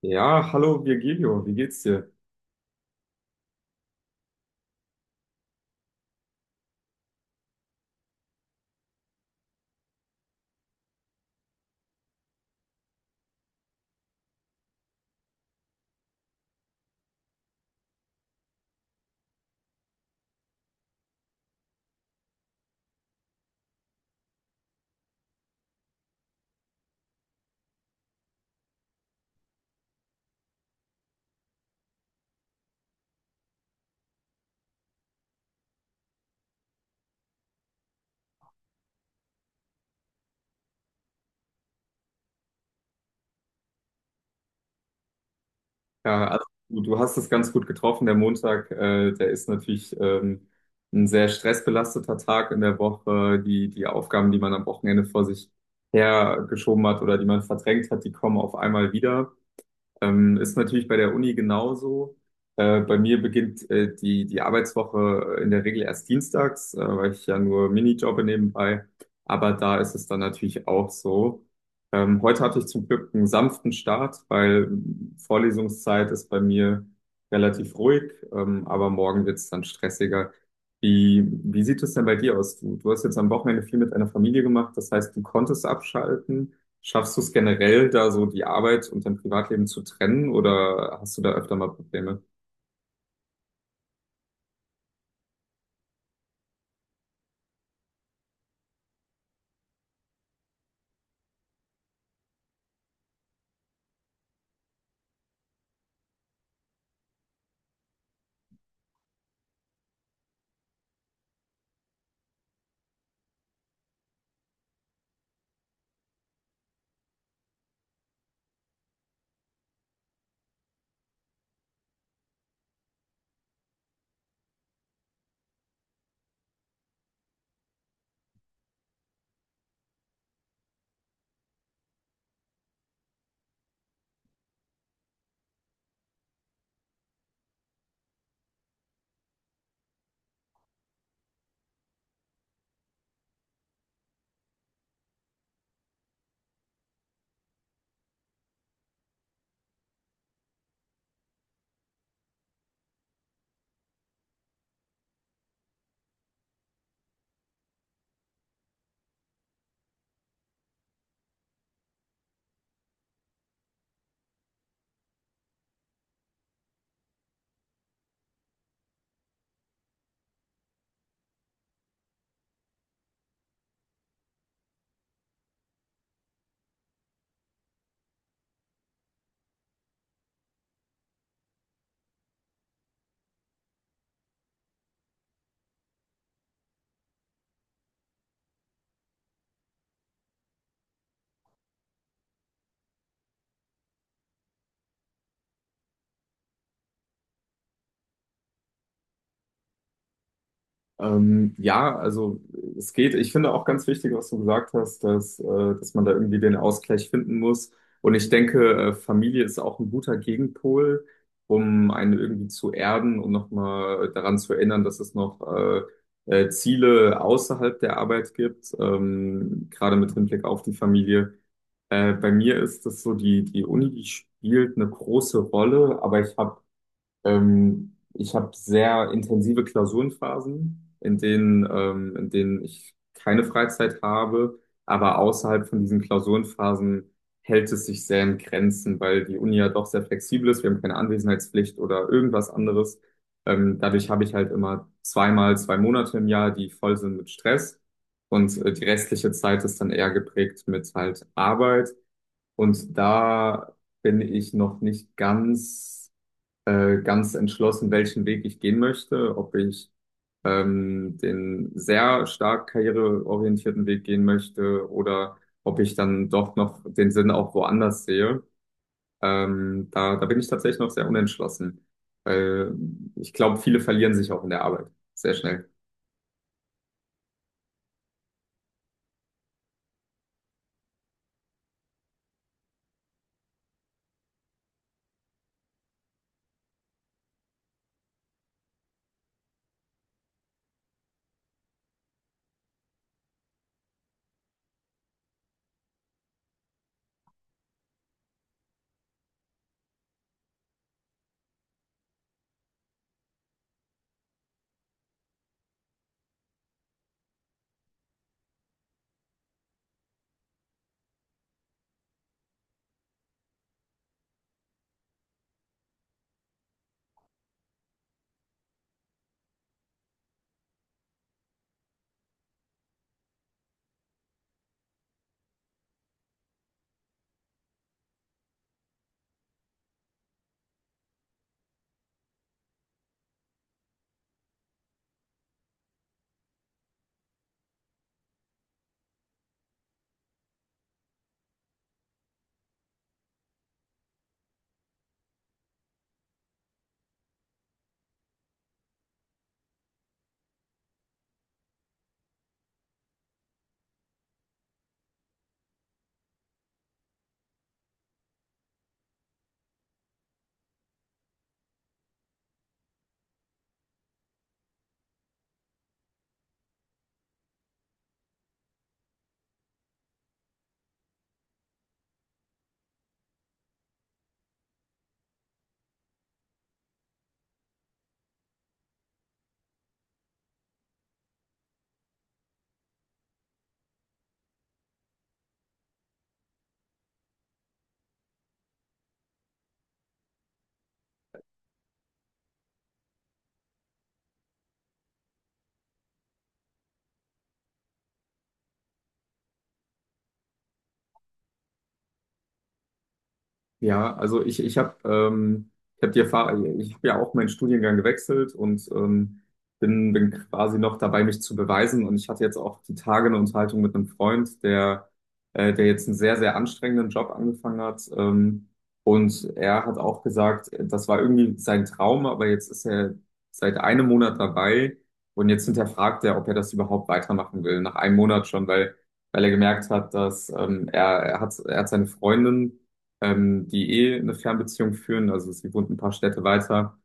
Ja, hallo Virgilio, wie geht's dir? Ja, also du hast es ganz gut getroffen. Der Montag, der ist natürlich ein sehr stressbelasteter Tag in der Woche. Die Aufgaben, die man am Wochenende vor sich hergeschoben hat oder die man verdrängt hat, die kommen auf einmal wieder. Ist natürlich bei der Uni genauso. Bei mir beginnt die Arbeitswoche in der Regel erst dienstags, weil ich ja nur Minijobbe nebenbei. Aber da ist es dann natürlich auch so. Heute hatte ich zum Glück einen sanften Start, weil Vorlesungszeit ist bei mir relativ ruhig. Aber morgen wird es dann stressiger. Wie sieht es denn bei dir aus? Du hast jetzt am Wochenende viel mit deiner Familie gemacht. Das heißt, du konntest abschalten. Schaffst du es generell, da so die Arbeit und dein Privatleben zu trennen oder hast du da öfter mal Probleme? Ja, also es geht. Ich finde auch ganz wichtig, was du gesagt hast, dass man da irgendwie den Ausgleich finden muss. Und ich denke, Familie ist auch ein guter Gegenpol, um einen irgendwie zu erden und nochmal daran zu erinnern, dass es noch Ziele außerhalb der Arbeit gibt, gerade mit Hinblick auf die Familie. Bei mir ist das so, die Uni, die spielt eine große Rolle, aber ich habe ich hab sehr intensive Klausurenphasen, in denen ich keine Freizeit habe, aber außerhalb von diesen Klausurenphasen hält es sich sehr in Grenzen, weil die Uni ja doch sehr flexibel ist, wir haben keine Anwesenheitspflicht oder irgendwas anderes. Dadurch habe ich halt immer zweimal zwei Monate im Jahr, die voll sind mit Stress und die restliche Zeit ist dann eher geprägt mit halt Arbeit. Und da bin ich noch nicht ganz, ganz entschlossen, welchen Weg ich gehen möchte, ob ich den sehr stark karriereorientierten Weg gehen möchte oder ob ich dann doch noch den Sinn auch woanders sehe. Da bin ich tatsächlich noch sehr unentschlossen, weil ich glaube, viele verlieren sich auch in der Arbeit sehr schnell. Ja, also ich habe ich hab die Erfahrung, also ich habe ja auch meinen Studiengang gewechselt und bin quasi noch dabei, mich zu beweisen. Und ich hatte jetzt auch die Tage eine Unterhaltung mit einem Freund, der jetzt einen sehr, sehr anstrengenden Job angefangen hat. Und er hat auch gesagt, das war irgendwie sein Traum, aber jetzt ist er seit einem Monat dabei und jetzt hinterfragt er, ob er das überhaupt weitermachen will, nach einem Monat schon, weil er gemerkt hat, dass er hat seine Freundin die eh eine Fernbeziehung führen. Also sie wohnt ein paar Städte weiter,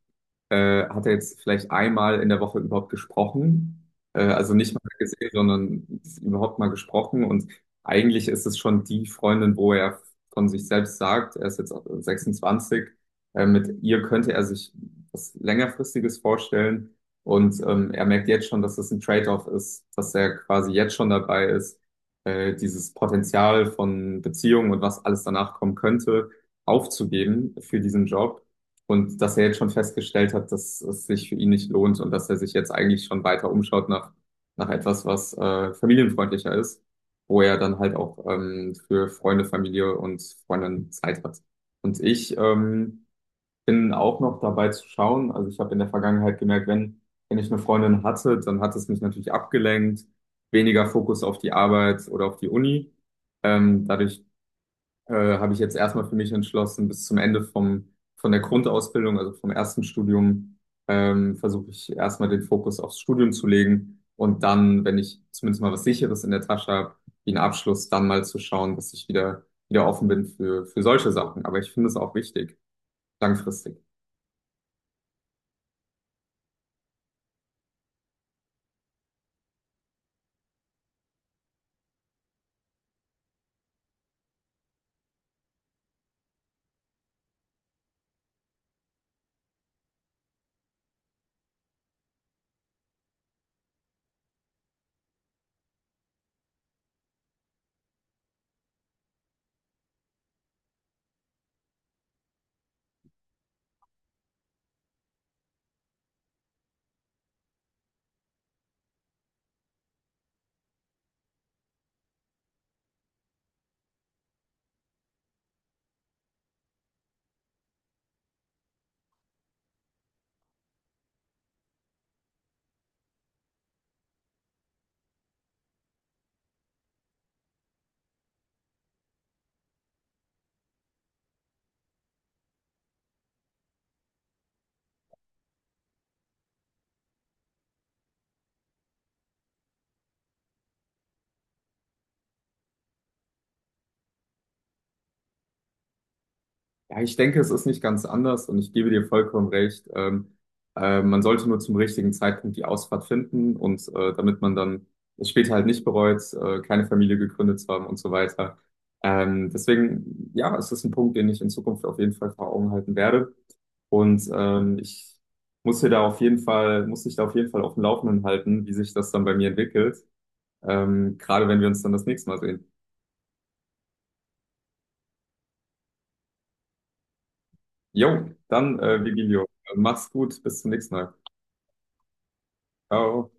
hat er jetzt vielleicht einmal in der Woche überhaupt gesprochen. Also nicht mal gesehen, sondern überhaupt mal gesprochen. Und eigentlich ist es schon die Freundin, wo er von sich selbst sagt, er ist jetzt auch 26, mit ihr könnte er sich was längerfristiges vorstellen. Und er merkt jetzt schon, dass das ein Trade-off ist, dass er quasi jetzt schon dabei ist, dieses Potenzial von Beziehungen und was alles danach kommen könnte, aufzugeben für diesen Job. Und dass er jetzt schon festgestellt hat, dass es sich für ihn nicht lohnt und dass er sich jetzt eigentlich schon weiter umschaut nach etwas, was familienfreundlicher ist, wo er dann halt auch für Freunde, Familie und Freundinnen Zeit hat. Und ich bin auch noch dabei zu schauen. Also ich habe in der Vergangenheit gemerkt, wenn ich eine Freundin hatte, dann hat es mich natürlich abgelenkt, weniger Fokus auf die Arbeit oder auf die Uni. Dadurch habe ich jetzt erstmal für mich entschlossen, bis zum Ende von der Grundausbildung, also vom ersten Studium, versuche ich erstmal den Fokus aufs Studium zu legen und dann, wenn ich zumindest mal was Sicheres in der Tasche habe, wie einen Abschluss, dann mal zu schauen, dass ich wieder offen bin für solche Sachen. Aber ich finde es auch wichtig, langfristig. Ja, ich denke, es ist nicht ganz anders und ich gebe dir vollkommen recht. Man sollte nur zum richtigen Zeitpunkt die Ausfahrt finden und damit man dann es später halt nicht bereut, keine Familie gegründet zu haben und so weiter. Deswegen, ja, es ist ein Punkt, den ich in Zukunft auf jeden Fall vor Augen halten werde. Und ich muss hier da auf jeden Fall, muss dich da auf jeden Fall auf dem Laufenden halten, wie sich das dann bei mir entwickelt. Gerade wenn wir uns dann das nächste Mal sehen. Jo, dann, Vigilio, mach's gut, bis zum nächsten Mal. Ciao.